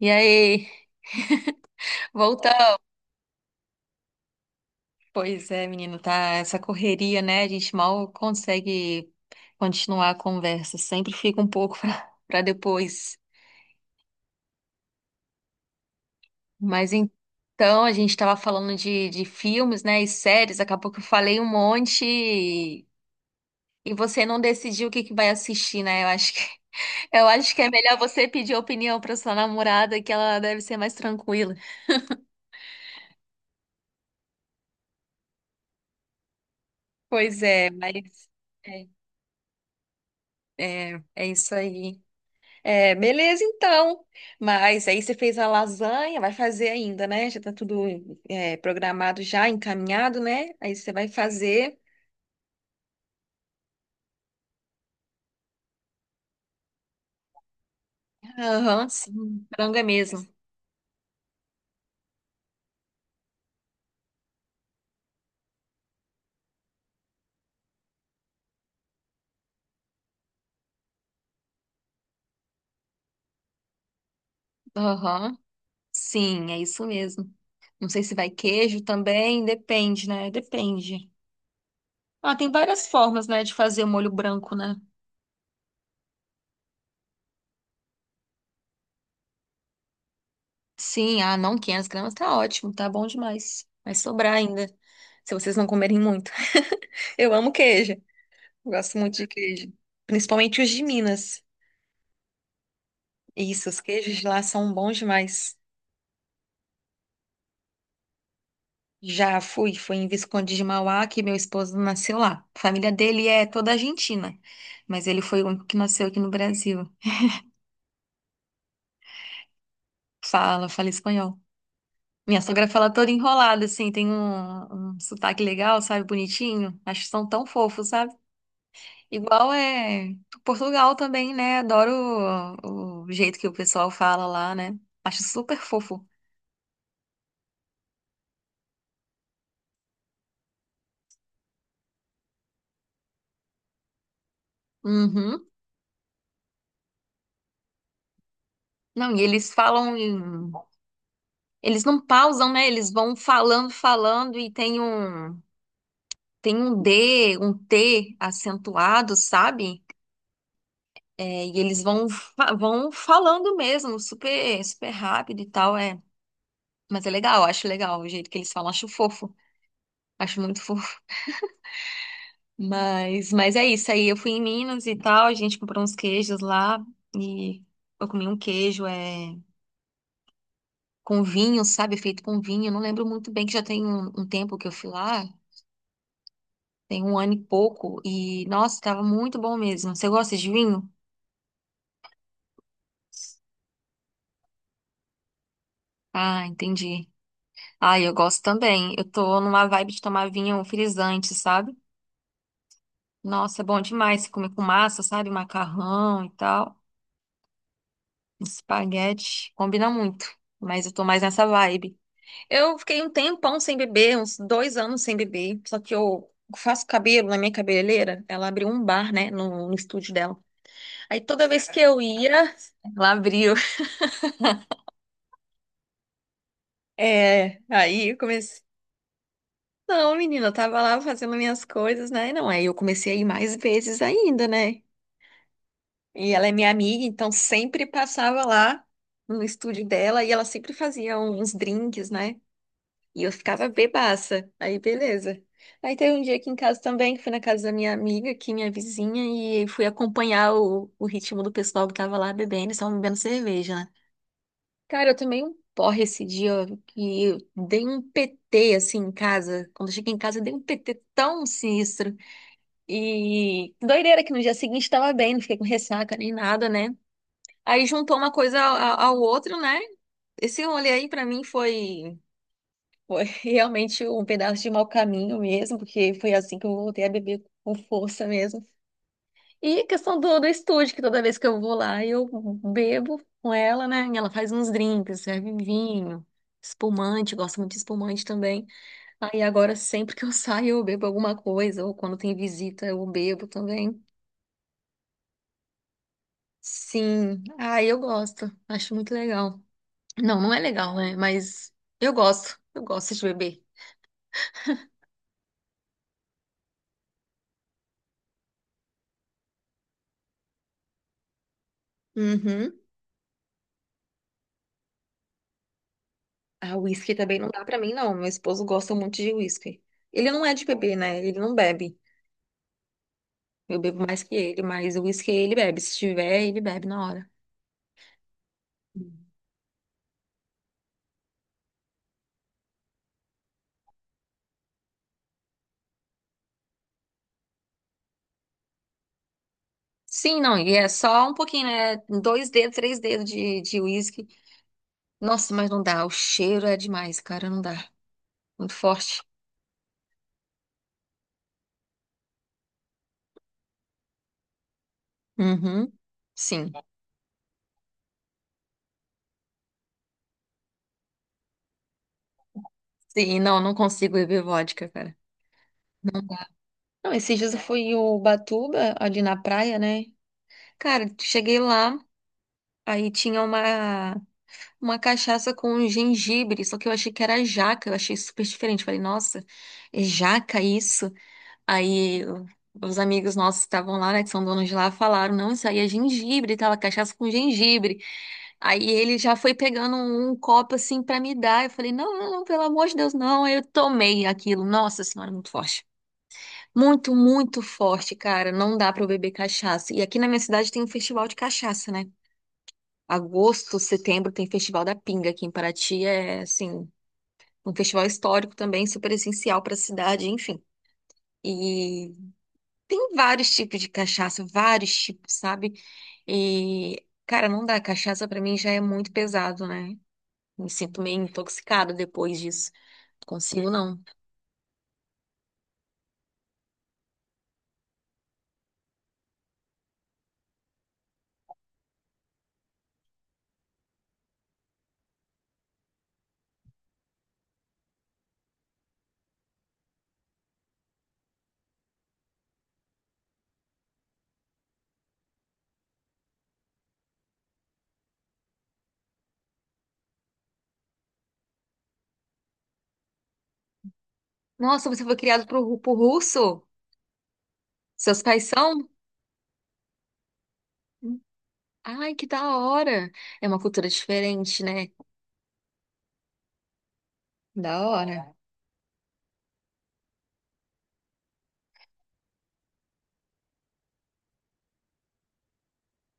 E aí, voltamos. Pois é, menino, tá essa correria, né? A gente mal consegue continuar a conversa, sempre fica um pouco para depois. Mas então, a gente tava falando de filmes, né, e séries, acabou que eu falei um monte e você não decidiu o que que vai assistir, né? Eu acho que, eu acho que é melhor você pedir opinião para sua namorada, que ela deve ser mais tranquila. Pois é, mas é, é isso aí. É, beleza então. Mas aí você fez a lasanha, vai fazer ainda, né? Já tá tudo programado já, encaminhado, né? Aí você vai fazer. Aham, sim, frango é mesmo. Aham, sim, é isso mesmo. Não sei se vai queijo também, depende, né? Depende. Ah, tem várias formas, né, de fazer o molho branco, né? Sim, ah, não, 500 gramas tá ótimo, tá bom demais. Vai sobrar ainda, se vocês não comerem muito. Eu amo queijo. Eu gosto muito de queijo. Principalmente os de Minas. Isso, os queijos de lá são bons demais. Já fui, fui em Visconde de Mauá, que meu esposo nasceu lá. A família dele é toda argentina, mas ele foi o único que nasceu aqui no Brasil. Fala, fala espanhol. Minha sogra fala toda enrolada, assim, tem um, um sotaque legal, sabe, bonitinho. Acho que são tão fofos, sabe? Igual é Portugal também, né? Adoro o jeito que o pessoal fala lá, né? Acho super fofo. Uhum. Não, e eles falam em... Eles não pausam, né? Eles vão falando, falando e tem um... Tem um D, um T acentuado, sabe? É, e eles vão, vão falando mesmo, super, super rápido e tal, é. Mas é legal, acho legal o jeito que eles falam, acho fofo, acho muito fofo. Mas é isso aí, eu fui em Minas e tal, a gente comprou uns queijos lá e eu comi um queijo, é, com vinho, sabe? Feito com vinho, eu não lembro muito bem que já tem um tempo que eu fui lá. Tem um ano e pouco e, nossa, tava muito bom mesmo. Você gosta de vinho? Ah, entendi. Ah, eu gosto também. Eu tô numa vibe de tomar vinho frisante, sabe? Nossa, é bom demais se comer com massa, sabe? Macarrão e tal. Espaguete. Combina muito. Mas eu tô mais nessa vibe. Eu fiquei um tempão sem beber, uns dois anos sem beber. Só que eu faço cabelo na minha cabeleireira. Ela abriu um bar, né? No estúdio dela. Aí toda vez que eu ia, ela abriu. É, aí eu comecei. Não, menina, eu tava lá fazendo minhas coisas, né? Não, aí eu comecei a ir mais vezes ainda, né? E ela é minha amiga, então sempre passava lá no estúdio dela e ela sempre fazia uns drinks, né? E eu ficava bebaça. Aí, beleza. Aí teve um dia aqui em casa também, que fui na casa da minha amiga, aqui, minha vizinha, e fui acompanhar o ritmo do pessoal que tava lá bebendo, e estavam bebendo cerveja, né? Cara, eu tomei um porre esse dia que eu dei um PT assim em casa. Quando eu cheguei em casa, eu dei um PT tão sinistro. E doideira que no dia seguinte tava bem, não fiquei com ressaca nem nada, né? Aí juntou uma coisa ao outro, né? Esse rolê aí pra mim foi, foi realmente um pedaço de mau caminho mesmo, porque foi assim que eu voltei a beber com força mesmo. E a questão do estúdio, que toda vez que eu vou lá, eu bebo com ela, né? E ela faz uns drinks, serve vinho, espumante, gosto muito de espumante também. Aí agora, sempre que eu saio, eu bebo alguma coisa, ou quando tem visita, eu bebo também. Sim, aí eu gosto, acho muito legal. Não, não é legal, né? Mas eu gosto de beber. Uhum. A whisky também não dá pra mim, não. Meu esposo gosta muito de whisky. Ele não é de beber, né? Ele não bebe. Eu bebo mais que ele, mas o uísque ele bebe. Se tiver, ele bebe na hora. Sim, não, e é só um pouquinho, né? Dois dedos, três dedos de uísque. Nossa, mas não dá. O cheiro é demais, cara, não dá. Muito forte. Uhum. Sim. Sim, não, não consigo beber vodka, cara. Não, esses dias eu fui em Ubatuba, ali na praia, né? Cara, cheguei lá, aí tinha uma cachaça com gengibre, só que eu achei que era jaca, eu achei super diferente. Falei, nossa, é jaca isso? Aí o- os amigos nossos que estavam lá, né, que são donos de lá, falaram, não, isso aí é gengibre, e é cachaça com gengibre. Aí ele já foi pegando um, um copo assim pra me dar. Eu falei, não, pelo amor de Deus, não. Aí eu tomei aquilo. Nossa Senhora, muito forte. Muito, muito forte, cara. Não dá pra eu beber cachaça. E aqui na minha cidade tem um festival de cachaça, né? Agosto, setembro tem Festival da Pinga aqui em Paraty, é assim, um festival histórico também, super essencial pra cidade, enfim. E tem vários tipos de cachaça, vários tipos, sabe? E, cara, não dá. Cachaça pra mim já é muito pesado, né? Me sinto meio intoxicada depois disso. Não consigo, não. Nossa, você foi criado pro russo? Seus pais são? Ai, que da hora! É uma cultura diferente, né? Da hora.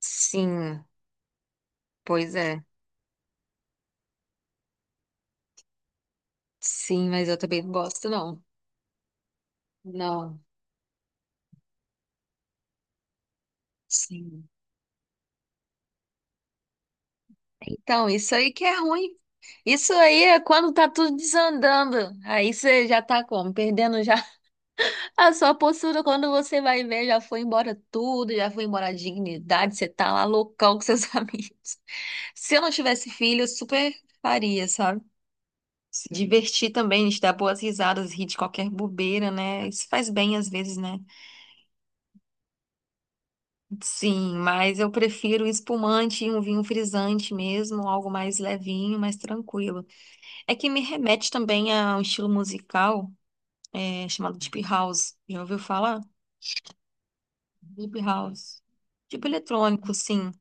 Sim, pois é. Sim, mas eu também não gosto, não. Não. Sim. Então, isso aí que é ruim. Isso aí é quando tá tudo desandando. Aí você já tá como? Perdendo já a sua postura. Quando você vai ver, já foi embora tudo, já foi embora a dignidade. Você tá lá loucão com seus amigos. Se eu não tivesse filho, eu super faria, sabe? Se divertir também, a gente dar boas risadas, rir de qualquer bobeira, né? Isso faz bem às vezes, né? Sim, mas eu prefiro um espumante e um vinho frisante mesmo, algo mais levinho, mais tranquilo. É que me remete também a um estilo musical. É chamado Deep House. Já ouviu falar? Deep House. Tipo eletrônico, sim.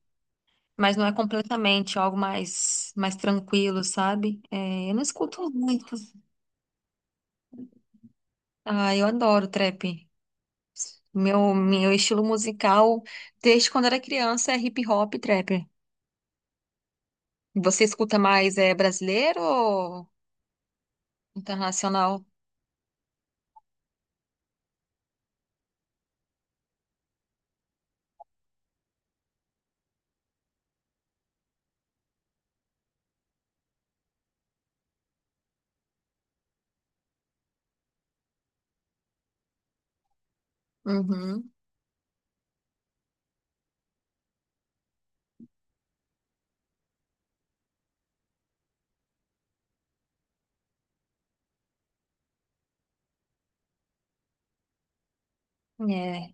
Mas não é completamente algo mais tranquilo, sabe? É, eu não escuto muito. Ah, eu adoro trap. Meu estilo musical, desde quando era criança, é hip hop e trap. Você escuta mais é brasileiro ou internacional? Uhum. É,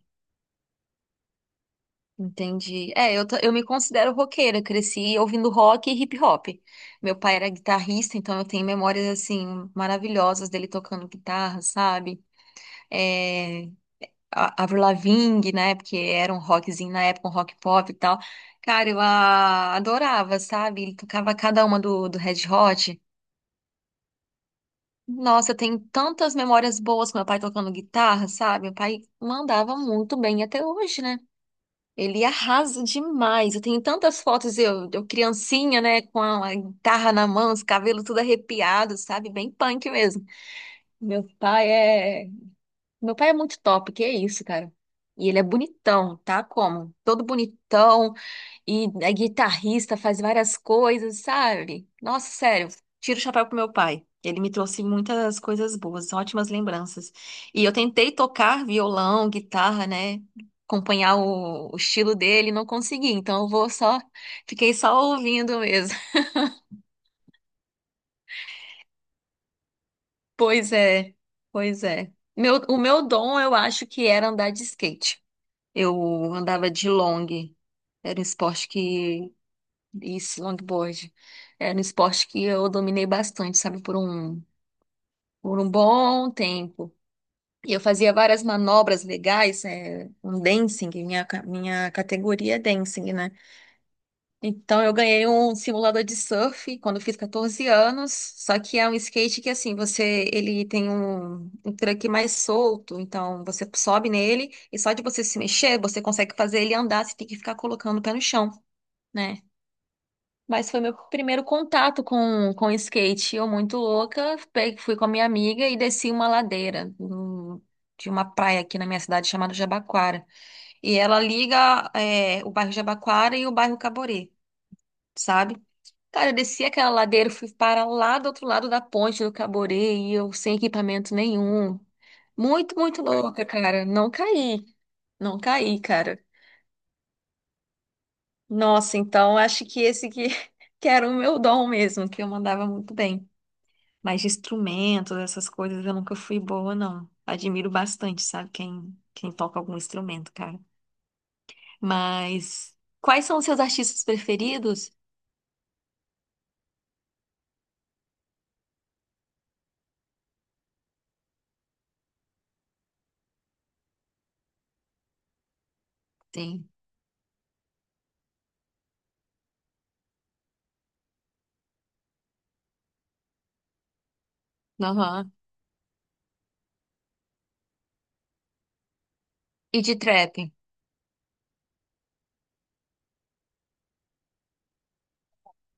entendi. Eu me considero roqueira, cresci ouvindo rock e hip hop. Meu pai era guitarrista, então eu tenho memórias, assim, maravilhosas dele tocando guitarra, sabe? É, Avril Lavigne, né? Porque era um rockzinho na época, um rock pop e tal. Cara, eu adorava, sabe? Ele tocava cada uma do Red Hot. Nossa, eu tenho tantas memórias boas com meu pai tocando guitarra, sabe? Meu pai mandava muito bem até hoje, né? Ele arrasa demais. Eu tenho tantas fotos, eu criancinha, né, com a guitarra na mão, os cabelos tudo arrepiados, sabe? Bem punk mesmo. Meu pai é. Meu pai é muito top, que é isso, cara. E ele é bonitão, tá? Como? Todo bonitão e é guitarrista, faz várias coisas, sabe? Nossa, sério, tiro o chapéu pro meu pai. Ele me trouxe muitas coisas boas, ótimas lembranças. E eu tentei tocar violão, guitarra, né? Acompanhar o estilo dele, não consegui. Então eu vou só, fiquei só ouvindo mesmo. Pois é, pois é. Meu, o meu dom, eu acho que era andar de skate. Eu andava de long. Era um esporte que. Isso, longboard. Era um esporte que eu dominei bastante, sabe, por um bom tempo. E eu fazia várias manobras legais, é, um dancing, minha categoria é dancing, né? Então, eu ganhei um simulador de surf quando eu fiz 14 anos, só que é um skate que, assim, você, ele tem um, um truque mais solto, então você sobe nele e só de você se mexer, você consegue fazer ele andar, você tem que ficar colocando o pé no chão, né? Mas foi meu primeiro contato com skate, eu muito louca, fui com a minha amiga e desci uma ladeira de uma praia aqui na minha cidade chamada Jabaquara, e ela liga é, o bairro Jabaquara e o bairro Caborê, sabe? Cara, eu desci aquela ladeira, fui para lá do outro lado da ponte do Caborê e eu sem equipamento nenhum. Muito, muito louca, cara. Não caí. Não caí, cara. Nossa, então acho que esse que, que era o meu dom mesmo, que eu mandava muito bem. Mas de instrumentos, essas coisas, eu nunca fui boa, não. Admiro bastante, sabe, quem toca algum instrumento, cara. Mas quais são os seus artistas preferidos? Sim. Aham. E de trap?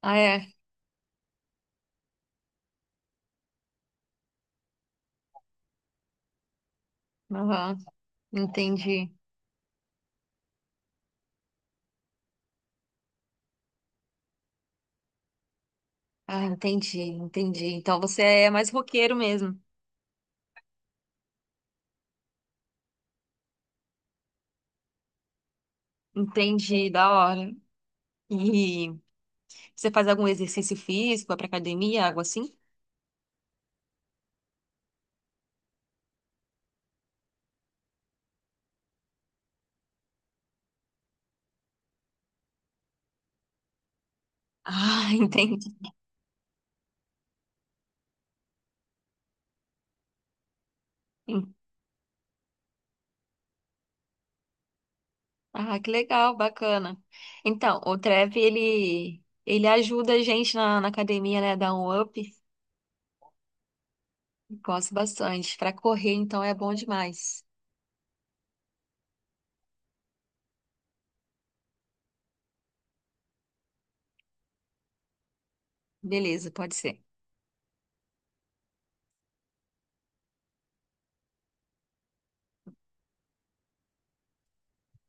Ah, é. Aham. Entendi. Ah, entendi, entendi. Então você é mais roqueiro mesmo. Entendi, da hora. E você faz algum exercício físico, vai pra academia, algo assim? Ah, entendi. Ah, que legal, bacana. Então, o Trev, ele ajuda a gente na academia, né? Dá um up. Gosto bastante. Pra correr, então, é bom demais. Beleza, pode ser.